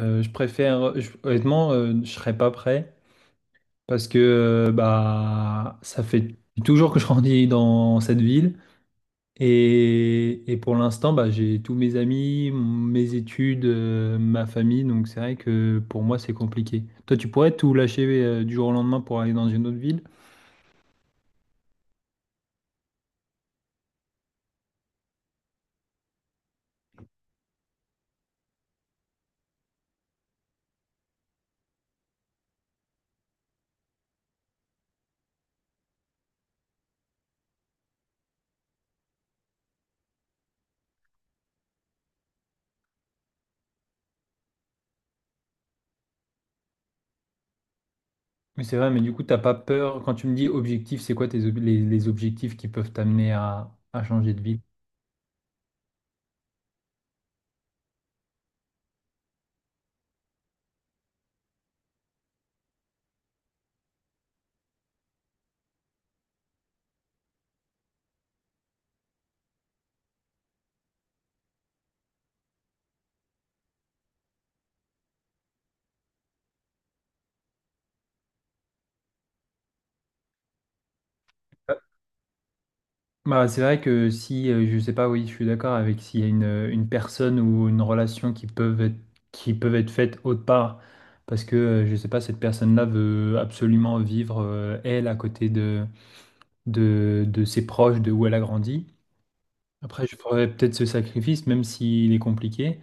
Je préfère, honnêtement, je serais pas prêt parce que bah ça fait toujours que je grandis dans cette ville et, pour l'instant bah, j'ai tous mes amis, mes études, ma famille donc c'est vrai que pour moi c'est compliqué. Toi tu pourrais tout lâcher du jour au lendemain pour aller dans une autre ville? Mais c'est vrai, mais du coup t'as pas peur quand tu me dis objectif, c'est quoi les, objectifs qui peuvent t'amener à, changer de ville? Bah, c'est vrai que si, je sais pas, oui, je suis d'accord avec s'il y a une personne ou une relation qui peuvent être faites autre part, parce que, je sais pas, cette personne-là veut absolument vivre, elle, à côté de, de ses proches, de où elle a grandi. Après, je ferais peut-être ce sacrifice, même s'il est compliqué.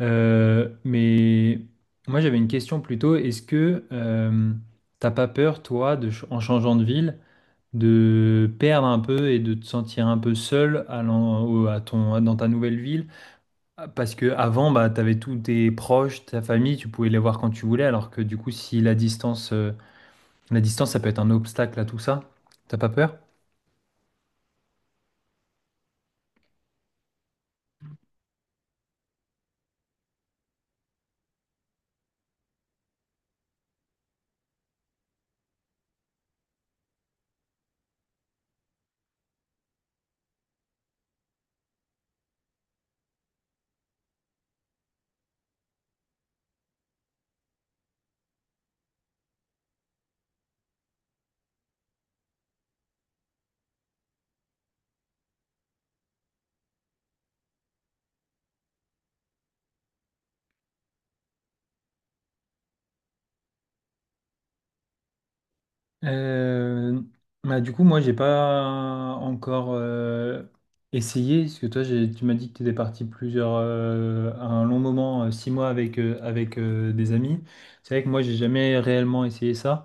Mais moi, j'avais une question plutôt, est-ce que t'as pas peur, toi, de, en changeant de ville? De perdre un peu et de te sentir un peu seul à ton, dans ta nouvelle ville. Parce que avant, bah, tu avais tous tes proches, ta famille, tu pouvais les voir quand tu voulais, alors que du coup, si la distance, la distance, ça peut être un obstacle à tout ça. T'as pas peur? Euh, Bah, du coup, moi, j'ai pas encore essayé, parce que toi, tu m'as dit que tu étais parti plusieurs, un long moment, six mois avec, avec des amis. C'est vrai que moi, j'ai jamais réellement essayé ça,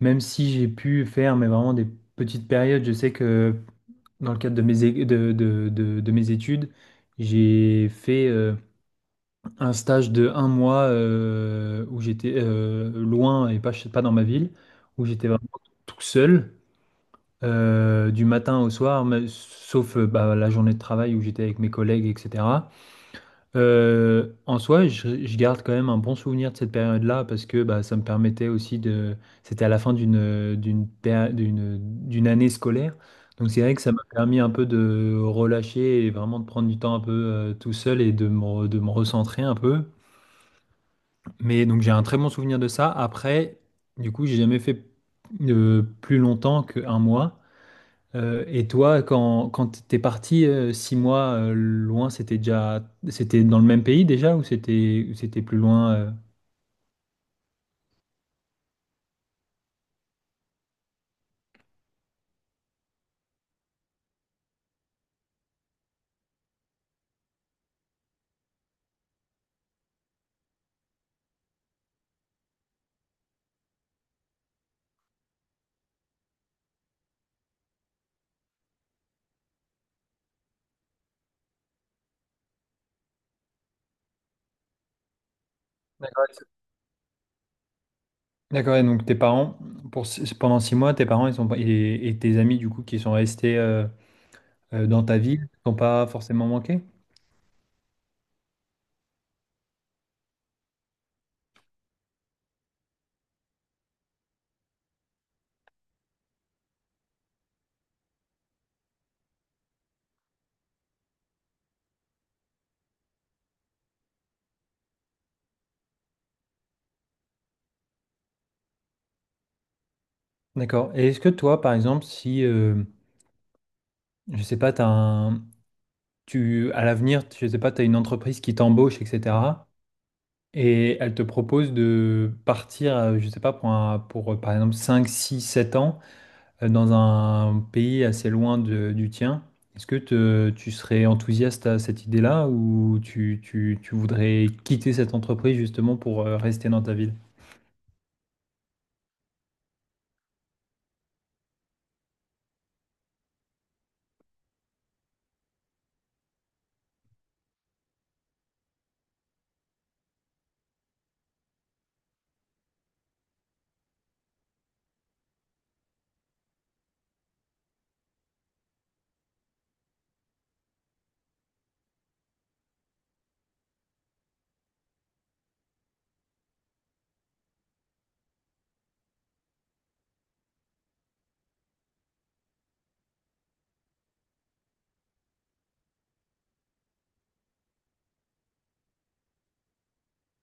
même si j'ai pu faire, mais vraiment des petites périodes. Je sais que dans le cadre de mes, é- de mes études, j'ai fait un stage de 1 mois où j'étais loin et pas, pas dans ma ville, où j'étais vraiment tout seul du matin au soir, sauf bah, la journée de travail où j'étais avec mes collègues, etc. En soi, je garde quand même un bon souvenir de cette période-là parce que bah, ça me permettait aussi de... C'était à la fin d'une d'une année scolaire. Donc c'est vrai que ça m'a permis un peu de relâcher et vraiment de prendre du temps un peu tout seul et de de me recentrer un peu. Mais donc j'ai un très bon souvenir de ça. Après, du coup, j'ai jamais fait plus longtemps qu'un mois. Et toi, quand t'es parti 6 mois loin, c'était déjà, c'était dans le même pays déjà ou c'était plus loin D'accord. D'accord, et donc tes parents, pour, pendant 6 mois, tes parents ils sont, et tes amis du coup qui sont restés dans ta ville, t'ont pas forcément manqué? D'accord. Et est-ce que toi, par exemple, si, je sais pas, tu, à l'avenir, je sais pas, tu as une entreprise qui t'embauche, etc. Et elle te propose de partir, je sais pas, pour, par exemple 5, 6, 7 ans dans un pays assez loin du tien. Est-ce que tu serais enthousiaste à cette idée-là ou tu voudrais quitter cette entreprise justement pour rester dans ta ville?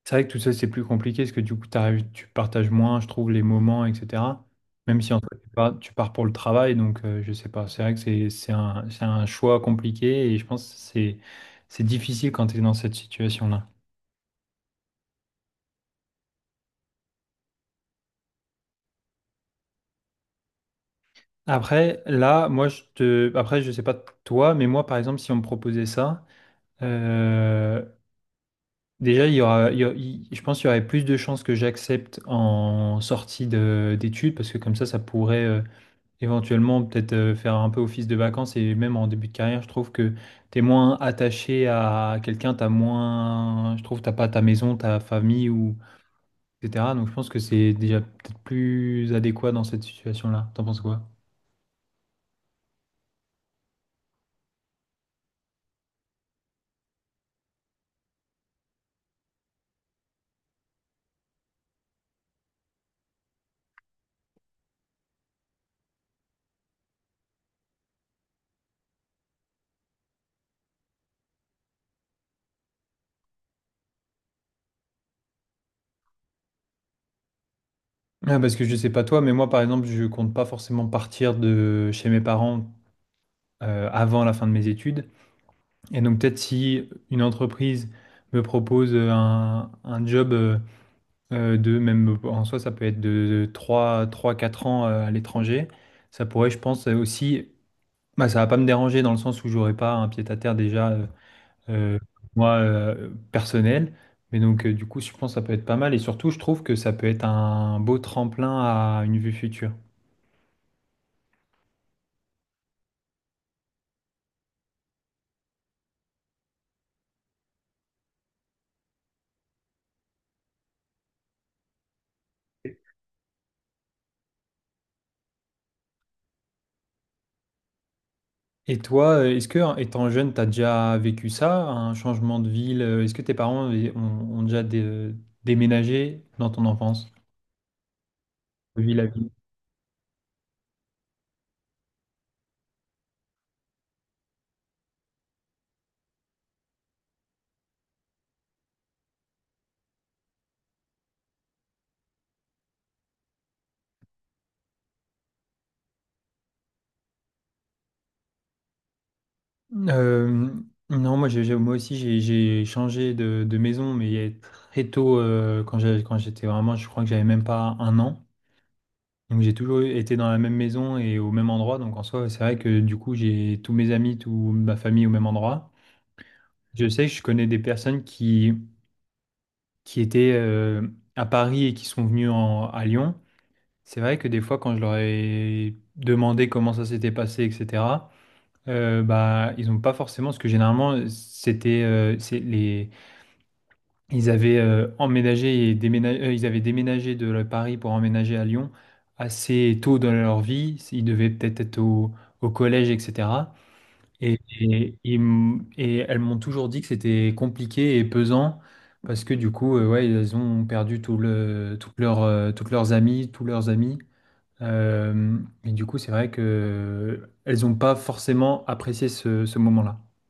C'est vrai que tout ça, c'est plus compliqué parce que du coup, tu partages moins, je trouve, les moments, etc. Même si en fait, tu pars pour le travail, donc je sais pas. C'est vrai que c'est un choix compliqué et je pense que c'est difficile quand tu es dans cette situation-là. Après, là, moi, je te... Après, je sais pas toi, mais moi, par exemple, si on me proposait ça, euh, déjà, il y aura, il y a- il- je pense qu'il y aurait plus de chances que j'accepte en sortie d'études parce que comme ça pourrait... éventuellement peut-être faire un peu office de vacances et même en début de carrière, je trouve que t'es moins attaché à quelqu'un, t'as moins, je trouve, t'as pas ta maison, ta famille ou etc. Donc je pense que c'est déjà peut-être plus adéquat dans cette situation-là. T'en penses quoi? Ah, parce que je sais pas toi, mais moi par exemple, je compte pas forcément partir de chez mes parents avant la fin de mes études. Et donc peut-être si une entreprise me propose un job. De même en soi, ça peut être de 3 ou 4 ans à l'étranger. Ça pourrait, je pense, aussi. Bah, ça va pas me déranger dans le sens où j'aurai pas un pied-à-terre déjà, euh, moi, personnel. Mais donc, du coup, je pense que ça peut être pas mal. Et surtout, je trouve que ça peut être un beau tremplin à une vue future. Et toi, est-ce que, en étant jeune, tu as déjà vécu ça, un changement de ville? Est-ce que ont, ont déjà déménagé dans ton enfance, de ville à ville Euh, non, moi, moi aussi, j'ai changé de maison, mais il y a très tôt, quand quand j'étais vraiment, je crois que j'avais même pas un an. Donc, j'ai toujours été dans la même maison et au même endroit. Donc, en soi, c'est vrai que du coup, j'ai tous mes amis, toute ma famille au même endroit. Je sais que je connais des personnes qui étaient à Paris et qui sont venues à Lyon. C'est vrai que des fois, quand je leur ai demandé comment ça s'était passé, etc., bah, ils n'ont pas forcément, parce que généralement, c'était, ils avaient ils avaient déménagé de Paris pour emménager à Lyon assez tôt dans leur vie. Ils devaient peut-être être au, collège, etc. Et elles m'ont toujours dit que c'était compliqué et pesant parce que du coup, ouais, ils ont perdu toutes leurs amies, tous leurs amis. Euh, et du coup, c'est vrai que elles n'ont pas forcément apprécié ce moment-là.